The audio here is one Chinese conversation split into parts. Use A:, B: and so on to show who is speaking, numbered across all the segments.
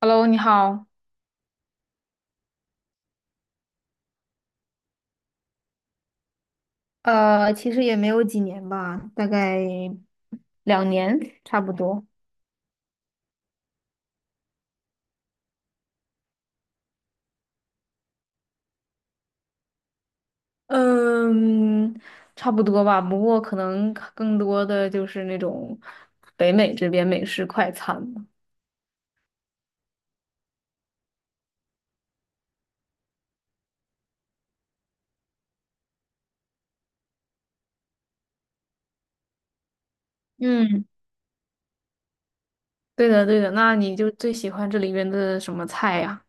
A: Hello，你好。其实也没有几年吧，大概2年差不多。嗯，差不多吧，不过可能更多的就是那种北美这边美式快餐了。嗯，对的，对的。那你就最喜欢这里边的什么菜呀？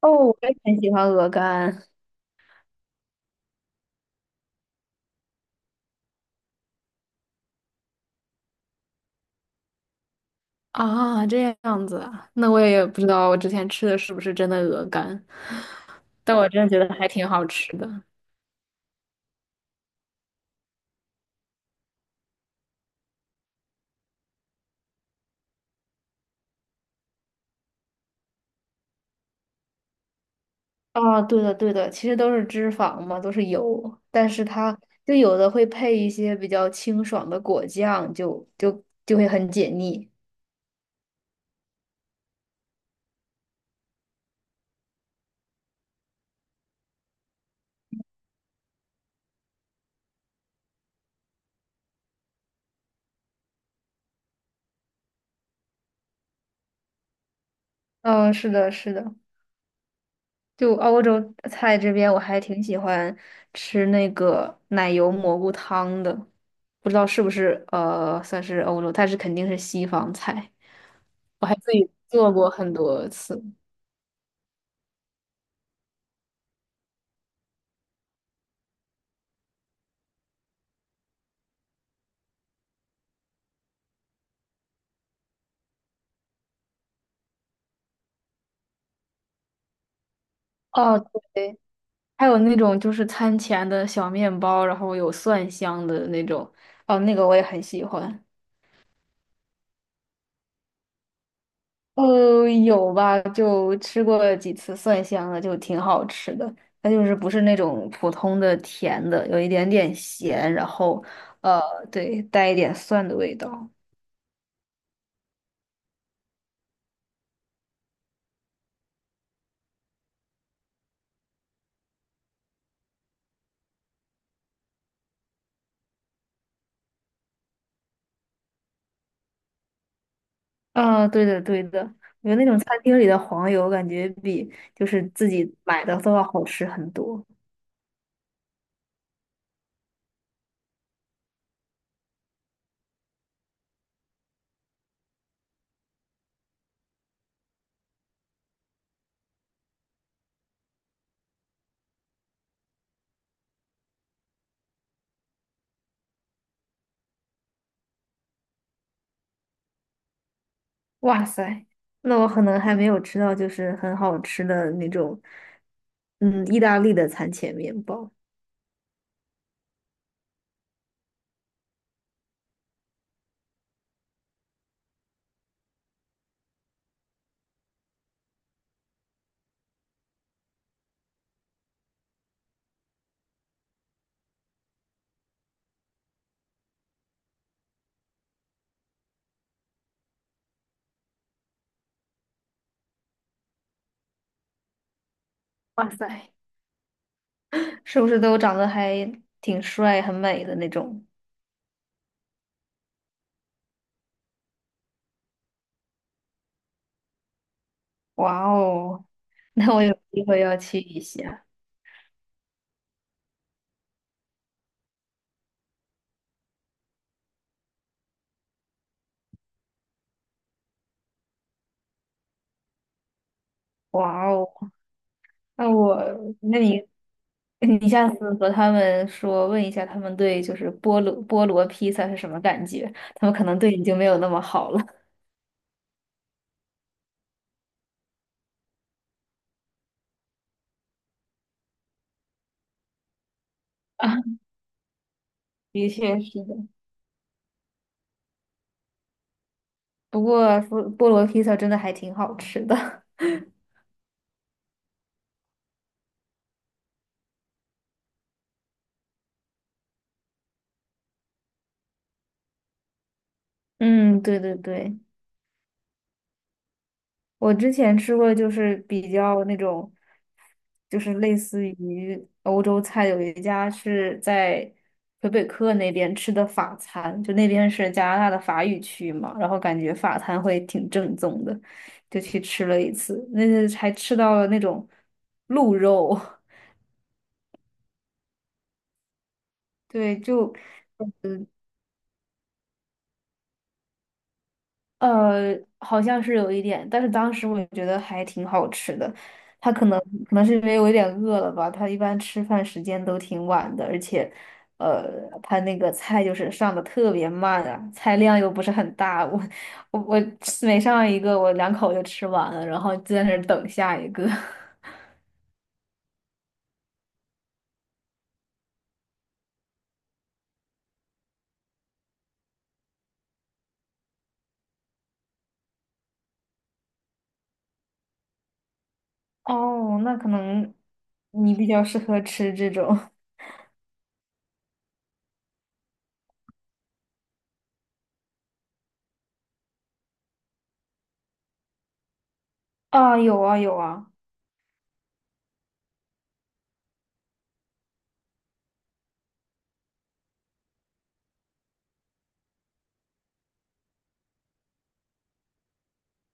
A: 哦，我也很喜欢鹅肝。啊，这样子啊，那我也不知道我之前吃的是不是真的鹅肝，但我真的觉得还挺好吃的。啊，对的，对的，其实都是脂肪嘛，都是油，但是它就有的会配一些比较清爽的果酱，就会很解腻。嗯，是的，是的，就欧洲菜这边我还挺喜欢吃那个奶油蘑菇汤的，不知道是不是算是欧洲，但是肯定是西方菜，我还自己做过很多次。哦，对。还有那种就是餐前的小面包，然后有蒜香的那种，哦，那个我也很喜欢。有吧，就吃过几次蒜香的，就挺好吃的。它就是不是那种普通的甜的，有一点点咸，然后呃，对，带一点蒜的味道。啊，对的，对的，我觉得那种餐厅里的黄油感觉比就是自己买的都要好吃很多。哇塞，那我可能还没有吃到就是很好吃的那种，嗯，意大利的餐前面包。哇塞 是不是都长得还挺帅、很美的那种？哇哦，那我有机会要去一下。哇哦，那我，那你，你下次和他们说，问一下他们对就是菠萝披萨是什么感觉？他们可能对你就没有那么好了。啊，的确是的。不过菠萝披萨真的还挺好吃的。嗯，对对对，我之前吃过，就是比较那种，就是类似于欧洲菜，有一家是在魁北克那边吃的法餐，就那边是加拿大的法语区嘛，然后感觉法餐会挺正宗的，就去吃了一次，那次还吃到了那种鹿肉，对，就呃，好像是有一点，但是当时我觉得还挺好吃的。他可能是因为我有点饿了吧，他一般吃饭时间都挺晚的，而且，呃，他那个菜就是上的特别慢啊，菜量又不是很大，我吃每上一个我两口就吃完了，然后就在那儿等下一个。哦，那可能你比较适合吃这种啊，有啊有啊。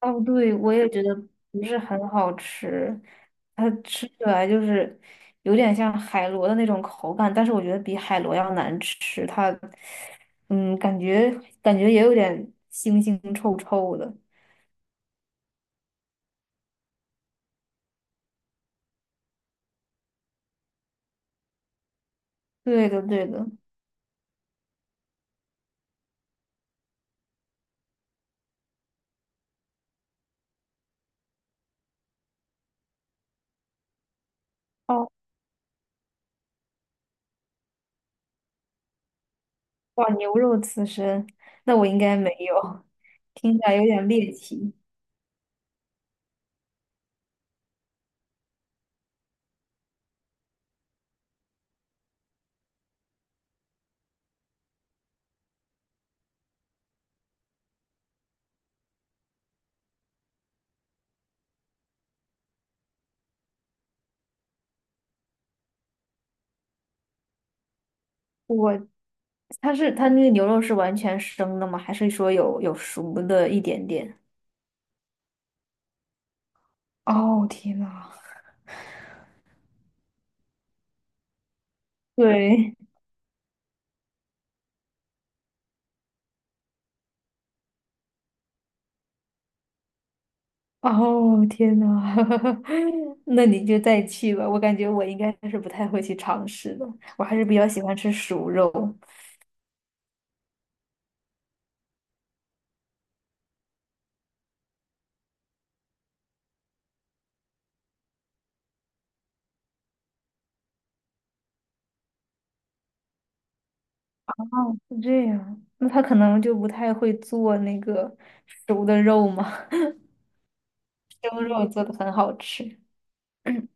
A: 哦，对，我也觉得不是很好吃，它吃起来就是有点像海螺的那种口感，但是我觉得比海螺要难吃。它，嗯，感觉感觉也有点腥腥臭臭的。对的，对的。哦，哇，牛肉刺身，那我应该没有，听起来有点猎奇。我，它是它那个牛肉是完全生的吗？还是说有熟的一点点？哦，天呐，对，哦，天呐，那你就再去吧。我感觉我应该是不太会去尝试的，我还是比较喜欢吃熟肉。是这样，那他可能就不太会做那个熟的肉嘛，生肉做的很好吃。嗯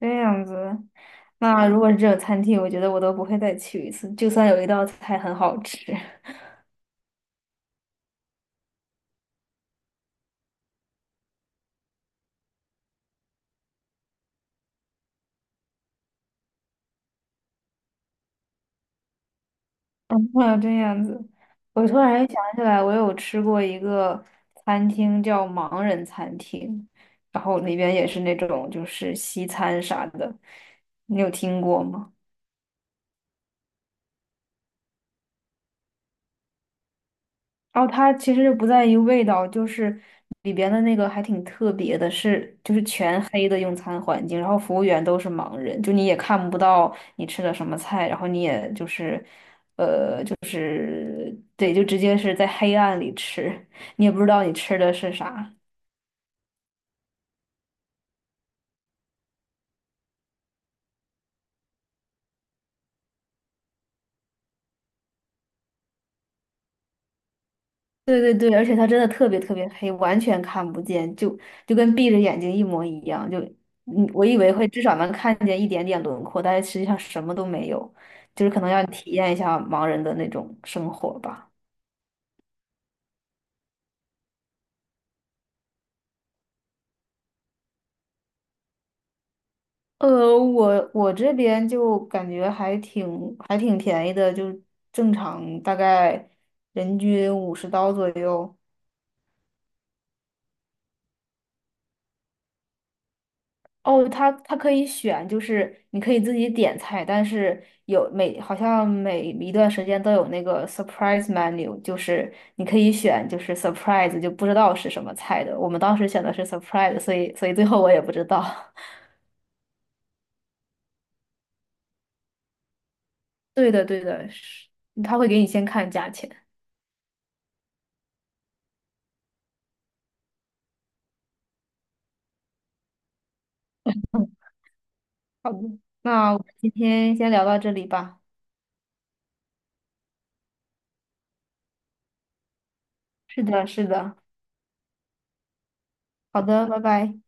A: 这样子，那如果是这种餐厅，我觉得我都不会再去一次，就算有一道菜很好吃。嗯，啊这样子，我突然想起来，我有吃过一个餐厅叫盲人餐厅，然后里边也是那种就是西餐啥的，你有听过吗？然后它其实不在于味道，就是里边的那个还挺特别的是，就是全黑的用餐环境，然后服务员都是盲人，就你也看不到你吃的什么菜，然后你也就是对，就直接是在黑暗里吃，你也不知道你吃的是啥。对对对，而且它真的特别特别黑，完全看不见，就跟闭着眼睛一模一样。就我以为会至少能看见一点点轮廓，但是实际上什么都没有，就是可能要体验一下盲人的那种生活吧。我这边就感觉还挺便宜的，就正常大概人均50刀左右。哦，它可以选，就是你可以自己点菜，但是有每好像每一段时间都有那个 surprise menu,就是你可以选，就是 surprise 就不知道是什么菜的。我们当时选的是 surprise,所以最后我也不知道。对的，对的，是，他会给你先看价钱。嗯，好的，那我们今天先聊到这里吧。是的，是的，好的，拜拜。